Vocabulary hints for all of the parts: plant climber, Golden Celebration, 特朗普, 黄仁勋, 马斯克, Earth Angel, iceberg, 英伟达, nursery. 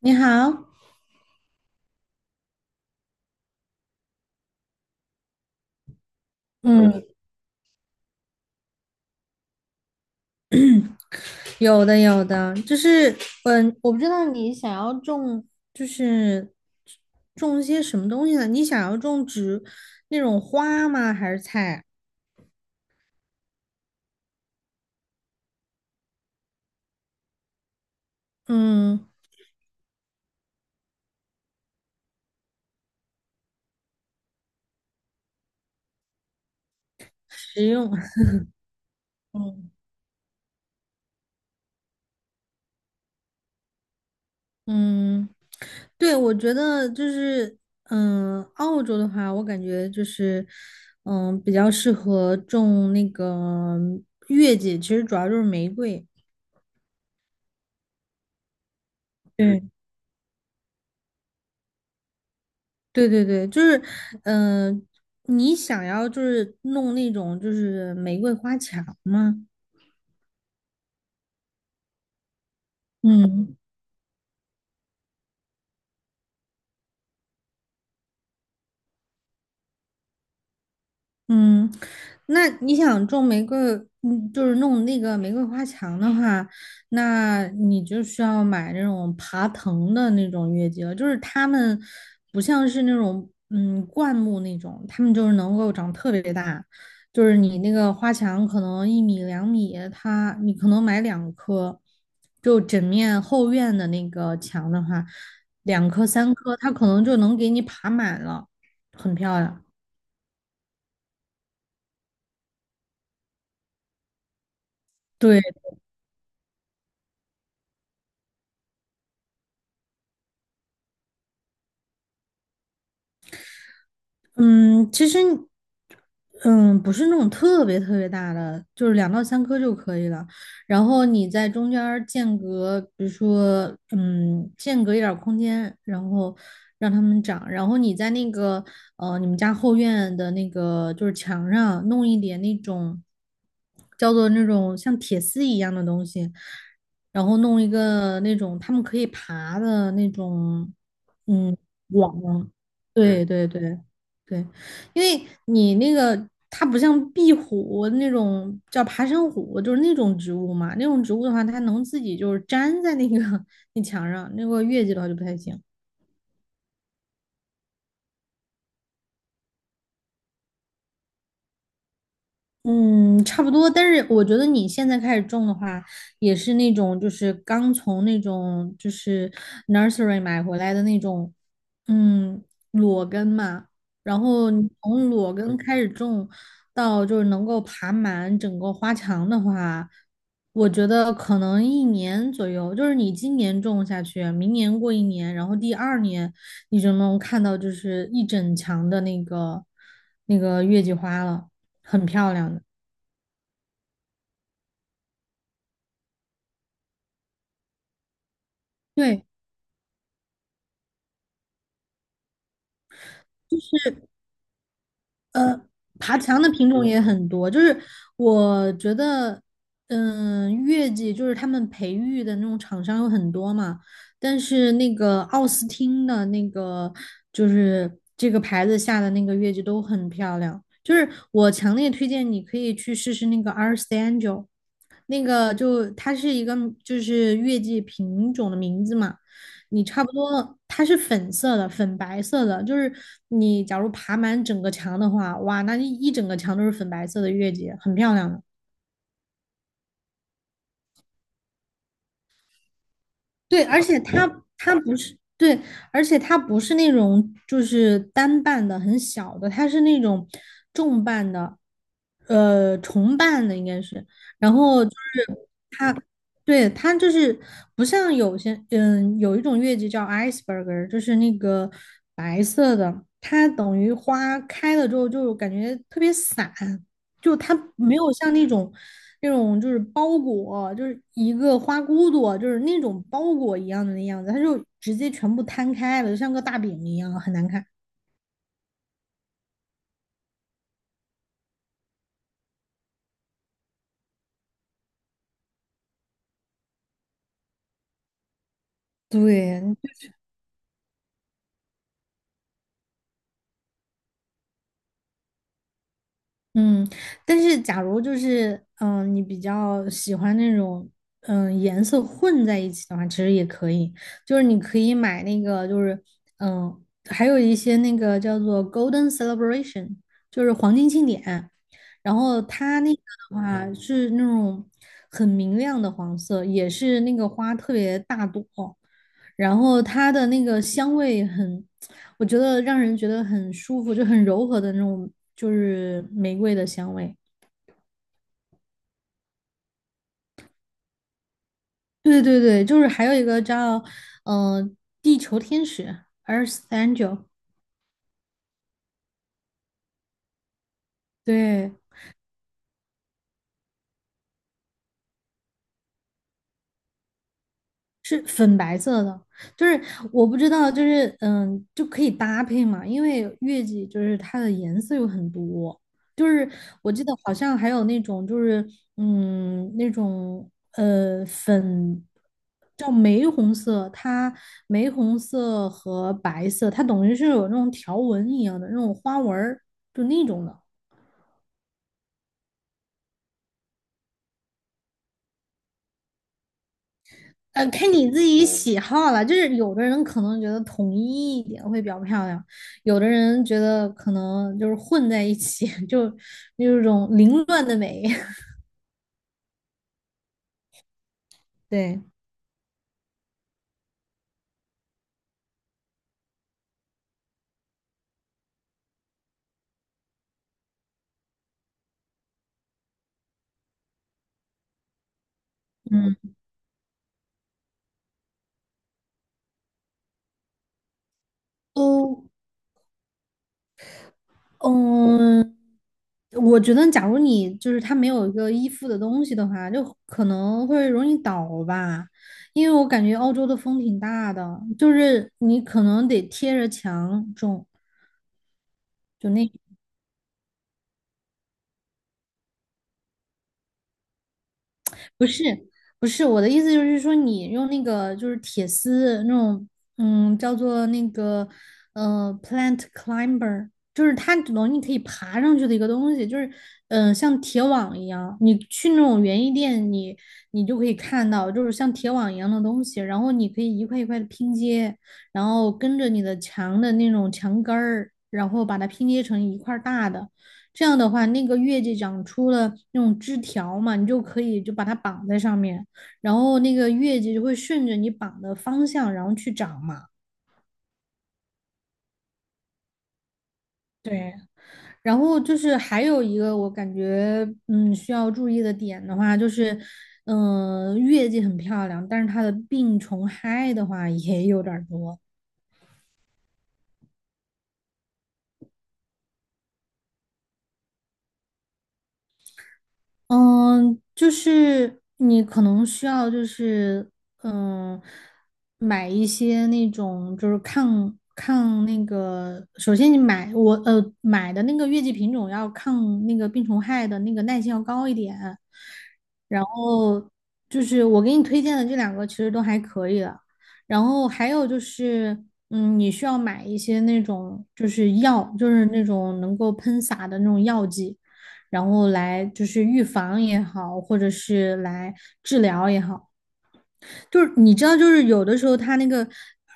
你好。嗯，有的有的。我不知道你想要种，就是种一些什么东西呢？你想要种植那种花吗？还是菜？嗯，食用。嗯 嗯，对，我觉得澳洲的话，我感觉比较适合种那个月季，其实主要就是玫瑰。对。对，就是，嗯、你想要就是弄那种就是玫瑰花墙吗？嗯。嗯，那你想种玫瑰，嗯，就是弄那个玫瑰花墙的话，那你就需要买那种爬藤的那种月季了。就是它们不像是那种嗯灌木那种，它们就是能够长特别大。就是你那个花墙可能1米2米，它你可能买两棵，就整面后院的那个墙的话，2棵3棵，它可能就能给你爬满了，很漂亮。对。嗯，其实，嗯，不是那种特别特别大的，就是2到3颗就可以了。然后你在中间儿间隔，比如说，嗯，间隔一点儿空间，然后让它们长。然后你在那个，你们家后院的那个就是墙上弄一点那种叫做那种像铁丝一样的东西，然后弄一个那种他们可以爬的那种。嗯，网啊，对对对对对。因为你那个它不像壁虎那种叫爬山虎，就是那种植物嘛，那种植物的话，它能自己就是粘在那个 那墙上，那个月季的话就不太行。嗯，差不多。但是我觉得你现在开始种的话，也是那种就是刚从那种就是 nursery 买回来的那种，嗯，裸根嘛。然后你从裸根开始种，到就是能够爬满整个花墙的话，我觉得可能一年左右。就是你今年种下去，明年过一年，然后第2年你就能看到就是一整墙的那个那个月季花了。很漂亮的。对，爬墙的品种也很多，就是我觉得，嗯，月季就是他们培育的那种厂商有很多嘛，但是那个奥斯汀的那个就是这个牌子下的那个月季都很漂亮，就是我强烈推荐你可以去试试那个 a r s t Angel,那个就它是一个就是月季品种的名字嘛。你差不多，它是粉色的，粉白色的，就是你假如爬满整个墙的话，哇，那一整个墙都是粉白色的月季，很漂亮的。对，而且它不是对，而且它不是那种就是单瓣的很小的，它是那种重瓣的，重瓣的应该是，然后就是对，它就是不像有些，嗯，有一种月季叫 iceberg,就是那个白色的，它等于花开了之后就感觉特别散，就它没有像那种那种就是包裹，就是一个花骨朵，就是那种包裹一样的那样子，它就直接全部摊开了，就像个大饼一样，很难看。对，嗯，但是假如就是你比较喜欢那种颜色混在一起的话，其实也可以。就是你可以买那个，就是嗯、呃还有一些那个叫做 Golden Celebration,就是黄金庆典。然后它那个的话嗯是那种很明亮的黄色，也是那个花特别大朵，然后它的那个香味很。我觉得让人觉得很舒服，就很柔和的那种，就是玫瑰的香味。对对对，就是还有一个叫嗯，地球天使 Earth Angel,对，是粉白色的，就是我不知道，就是嗯，就可以搭配嘛，因为月季就是它的颜色有很多，就是我记得好像还有那种就是嗯那种粉叫玫红色，它玫红色和白色，它等于是有那种条纹一样的那种花纹儿，就那种的。看你自己喜好了，就是有的人可能觉得统一一点会比较漂亮，有的人觉得可能就是混在一起，就那种凌乱的美。对，嗯，都，嗯，我觉得假如你就是它没有一个依附的东西的话，就可能会容易倒吧，因为我感觉澳洲的风挺大的，就是你可能得贴着墙种，就那。不是不是，我的意思就是说，你用那个就是铁丝那种，嗯，叫做那个plant climber,就是它只能你可以爬上去的一个东西，就是像铁网一样，你去那种园艺店你，你就可以看到，就是像铁网一样的东西，然后你可以一块一块的拼接，然后跟着你的墙的那种墙根儿，然后把它拼接成一块儿大的。这样的话，那个月季长出了那种枝条嘛，你就可以就把它绑在上面，然后那个月季就会顺着你绑的方向，然后去长嘛。对，然后就是还有一个我感觉嗯需要注意的点的话，就是月季很漂亮，但是它的病虫害的话也有点儿多。嗯，就是你可能需要，就是嗯，买一些那种就是抗那个，首先你买我买的那个月季品种要抗那个病虫害的那个耐性要高一点，然后就是我给你推荐的这2个其实都还可以的，然后还有就是嗯，你需要买一些那种就是药，就是那种能够喷洒的那种药剂。然后来就是预防也好，或者是来治疗也好，就是你知道，就是有的时候它那个，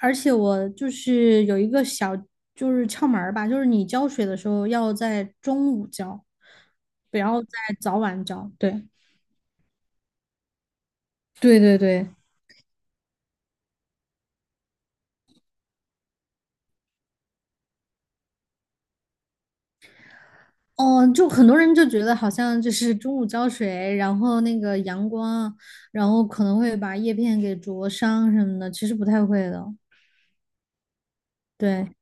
而且我就是有一个小就是窍门儿吧，就是你浇水的时候要在中午浇，不要在早晚浇。对，对对对。哦，就很多人就觉得好像就是中午浇水，然后那个阳光，然后可能会把叶片给灼伤什么的，其实不太会的。对，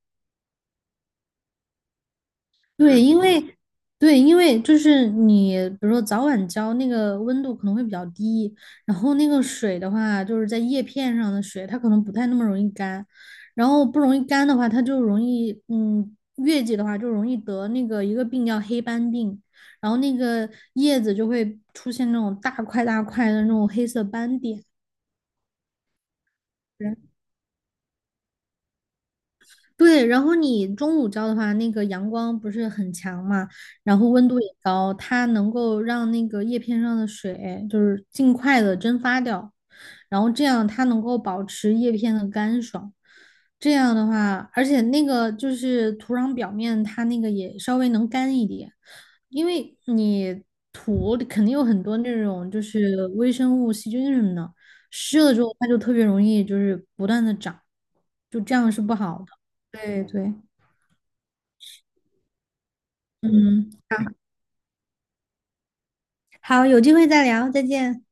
对，因为对，因为就是你，比如说早晚浇那个温度可能会比较低，然后那个水的话，就是在叶片上的水，它可能不太那么容易干，然后不容易干的话，它就容易，嗯，月季的话就容易得那个一个病叫黑斑病，然后那个叶子就会出现那种大块大块的那种黑色斑点。对，然后你中午浇的话，那个阳光不是很强嘛，然后温度也高，它能够让那个叶片上的水就是尽快的蒸发掉，然后这样它能够保持叶片的干爽。这样的话，而且那个就是土壤表面，它那个也稍微能干一点，因为你土里肯定有很多那种就是微生物、细菌什么的，湿了之后它就特别容易就是不断的长，就这样是不好的。对对，嗯，好，好，有机会再聊，再见。